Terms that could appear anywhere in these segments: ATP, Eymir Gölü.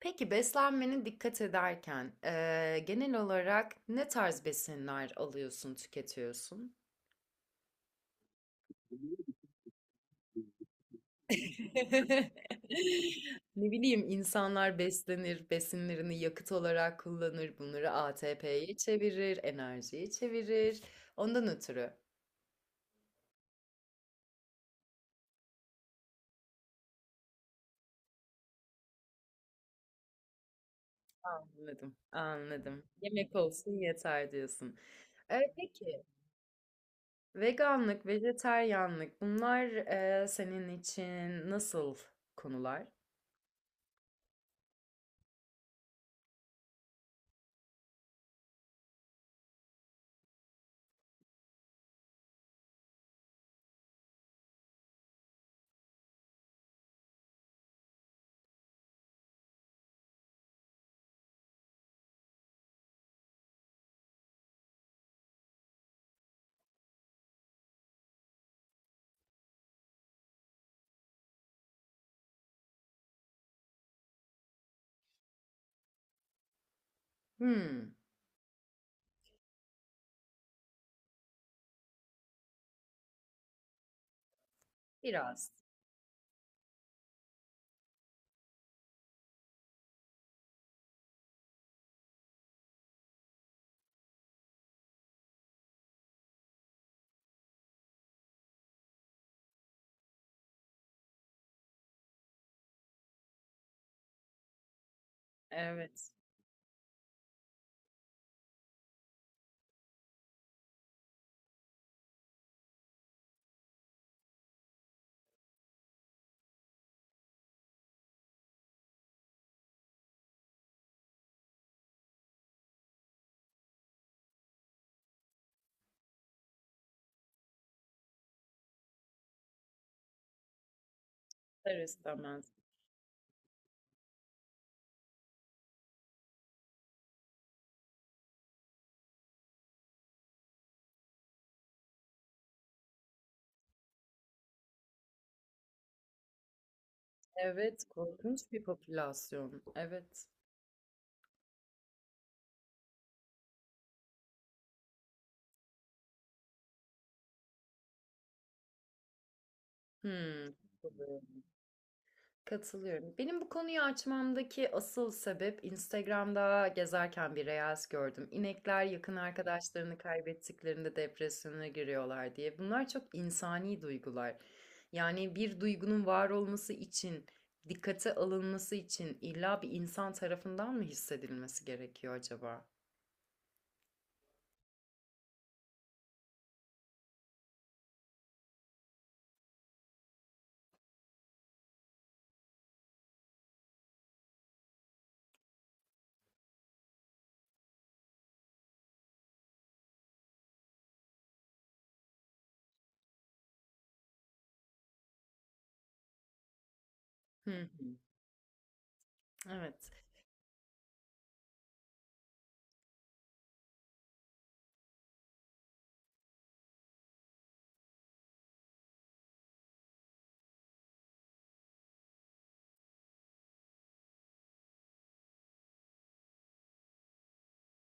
Peki beslenmene dikkat ederken, genel olarak ne tarz besinler alıyorsun, tüketiyorsun? Ne bileyim, insanlar beslenir, besinlerini yakıt olarak kullanır, bunları ATP'ye çevirir, enerjiye çevirir. Ondan ötürü. Anladım, anladım. Yemek olsun yeter diyorsun. E, peki, veganlık, vejetaryenlik bunlar senin için nasıl konular? Hmm, biraz. Evet, ister istemez. Evet, korkunç bir popülasyon. Evet. Hımm. Katılıyorum. Katılıyorum. Benim bu konuyu açmamdaki asıl sebep Instagram'da gezerken bir reels gördüm. İnekler yakın arkadaşlarını kaybettiklerinde depresyona giriyorlar diye. Bunlar çok insani duygular. Yani bir duygunun var olması için, dikkate alınması için illa bir insan tarafından mı hissedilmesi gerekiyor acaba? Hı hı. Evet.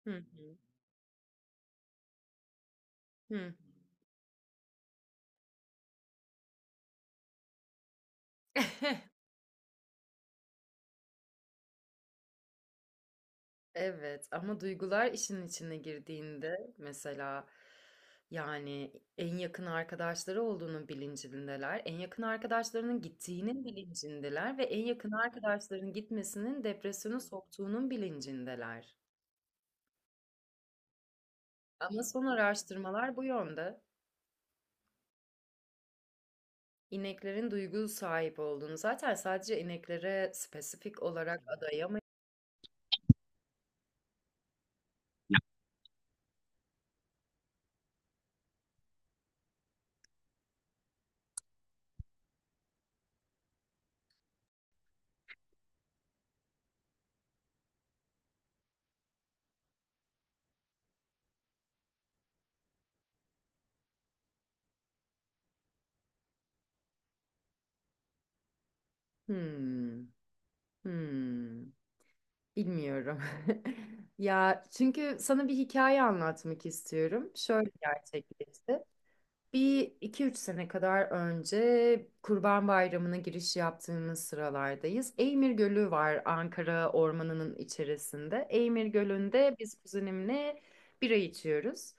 Hı hı. Hı. Evet ama duygular işin içine girdiğinde mesela yani en yakın arkadaşları olduğunun bilincindeler. En yakın arkadaşlarının gittiğinin bilincindeler ve en yakın arkadaşların gitmesinin depresyona soktuğunun bilincindeler. Ama son araştırmalar bu yönde. İneklerin duygu sahip olduğunu zaten sadece ineklere spesifik olarak adayamayız. Hmm, hmm. Bilmiyorum. Ya çünkü sana bir hikaye anlatmak istiyorum. Şöyle gerçekleşti. Bir iki üç sene kadar önce Kurban Bayramı'na giriş yaptığımız sıralardayız. Eymir Gölü var Ankara ormanının içerisinde. Eymir Gölü'nde biz kuzenimle bira içiyoruz.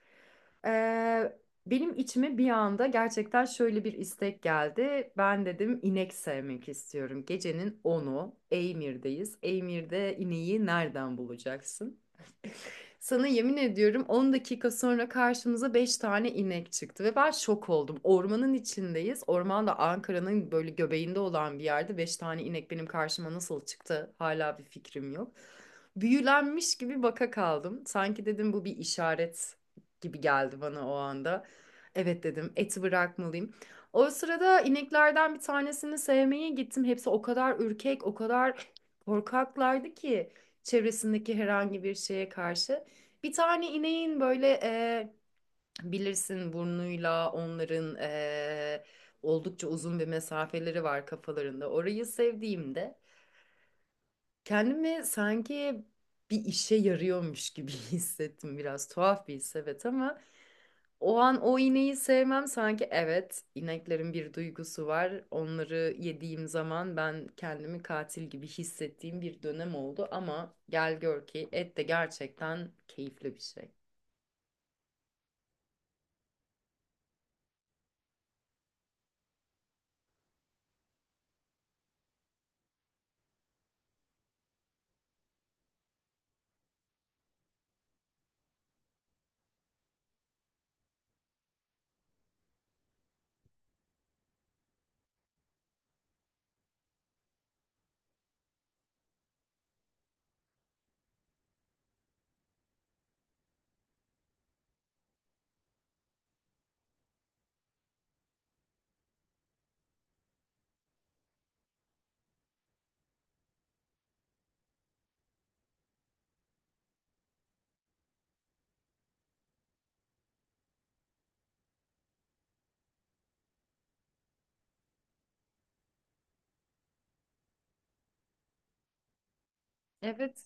Ee, benim içime bir anda gerçekten şöyle bir istek geldi. Ben dedim inek sevmek istiyorum. Gecenin onu Eymir'deyiz. Eymir'de ineği nereden bulacaksın? Sana yemin ediyorum. 10 dakika sonra karşımıza 5 tane inek çıktı ve ben şok oldum. Ormanın içindeyiz. Orman da Ankara'nın böyle göbeğinde olan bir yerde 5 tane inek benim karşıma nasıl çıktı hala bir fikrim yok. Büyülenmiş gibi baka kaldım. Sanki dedim bu bir işaret gibi geldi bana o anda. Evet dedim, eti bırakmalıyım. O sırada ineklerden bir tanesini sevmeye gittim. Hepsi o kadar ürkek, o kadar korkaklardı ki çevresindeki herhangi bir şeye karşı. Bir tane ineğin böyle bilirsin burnuyla onların oldukça uzun bir mesafeleri var kafalarında. Orayı sevdiğimde kendimi sanki bir işe yarıyormuş gibi hissettim. Biraz tuhaf bir his evet ama. O an o ineği sevmem sanki evet ineklerin bir duygusu var. Onları yediğim zaman ben kendimi katil gibi hissettiğim bir dönem oldu ama gel gör ki et de gerçekten keyifli bir şey. Evet.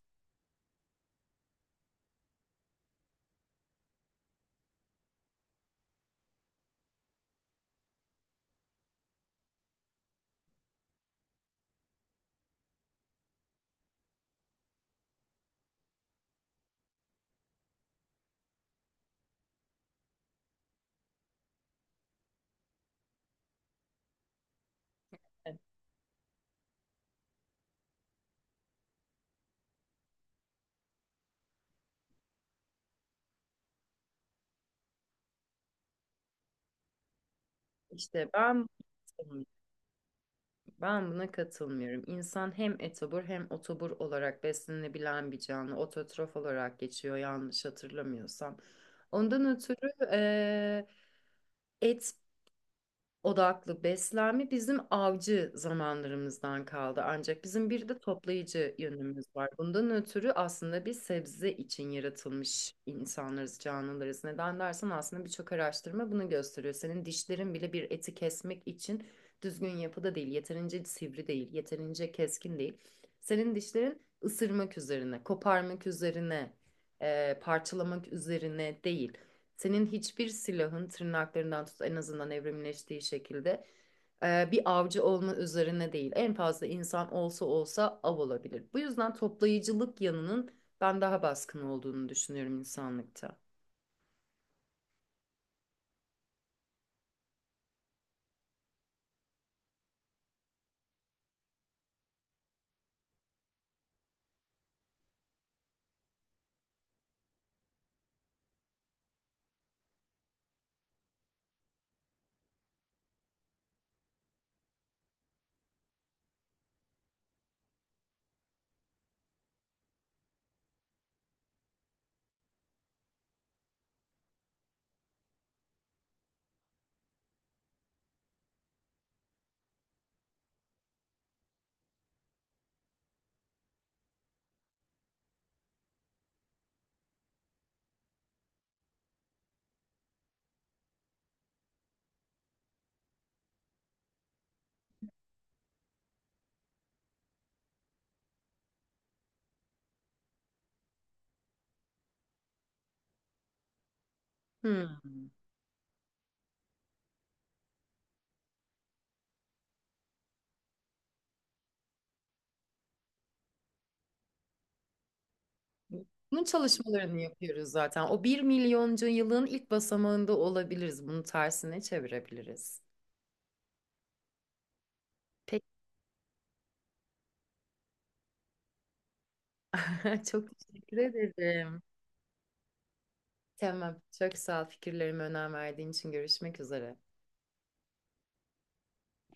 İşte ben buna katılmıyorum. İnsan hem etobur hem otobur olarak beslenebilen bir canlı. Ototrof olarak geçiyor yanlış hatırlamıyorsam. Ondan ötürü eee, et odaklı beslenme bizim avcı zamanlarımızdan kaldı. Ancak bizim bir de toplayıcı yönümüz var. Bundan ötürü aslında bir sebze için yaratılmış insanlarız, canlılarız. Neden dersen aslında birçok araştırma bunu gösteriyor. Senin dişlerin bile bir eti kesmek için düzgün yapıda değil, yeterince sivri değil, yeterince keskin değil. Senin dişlerin ısırmak üzerine, koparmak üzerine, parçalamak üzerine değil. Senin hiçbir silahın tırnaklarından tut en azından evrimleştiği şekilde bir avcı olma üzerine değil. En fazla insan olsa olsa av olabilir. Bu yüzden toplayıcılık yanının ben daha baskın olduğunu düşünüyorum insanlıkta. Hmm. Bunun çalışmalarını yapıyoruz zaten. O bir milyoncu yılın ilk basamağında olabiliriz. Bunu tersine çevirebiliriz. Peki, çok teşekkür ederim. Tamam. Çok sağ ol fikirlerime önem verdiğin için. Görüşmek üzere.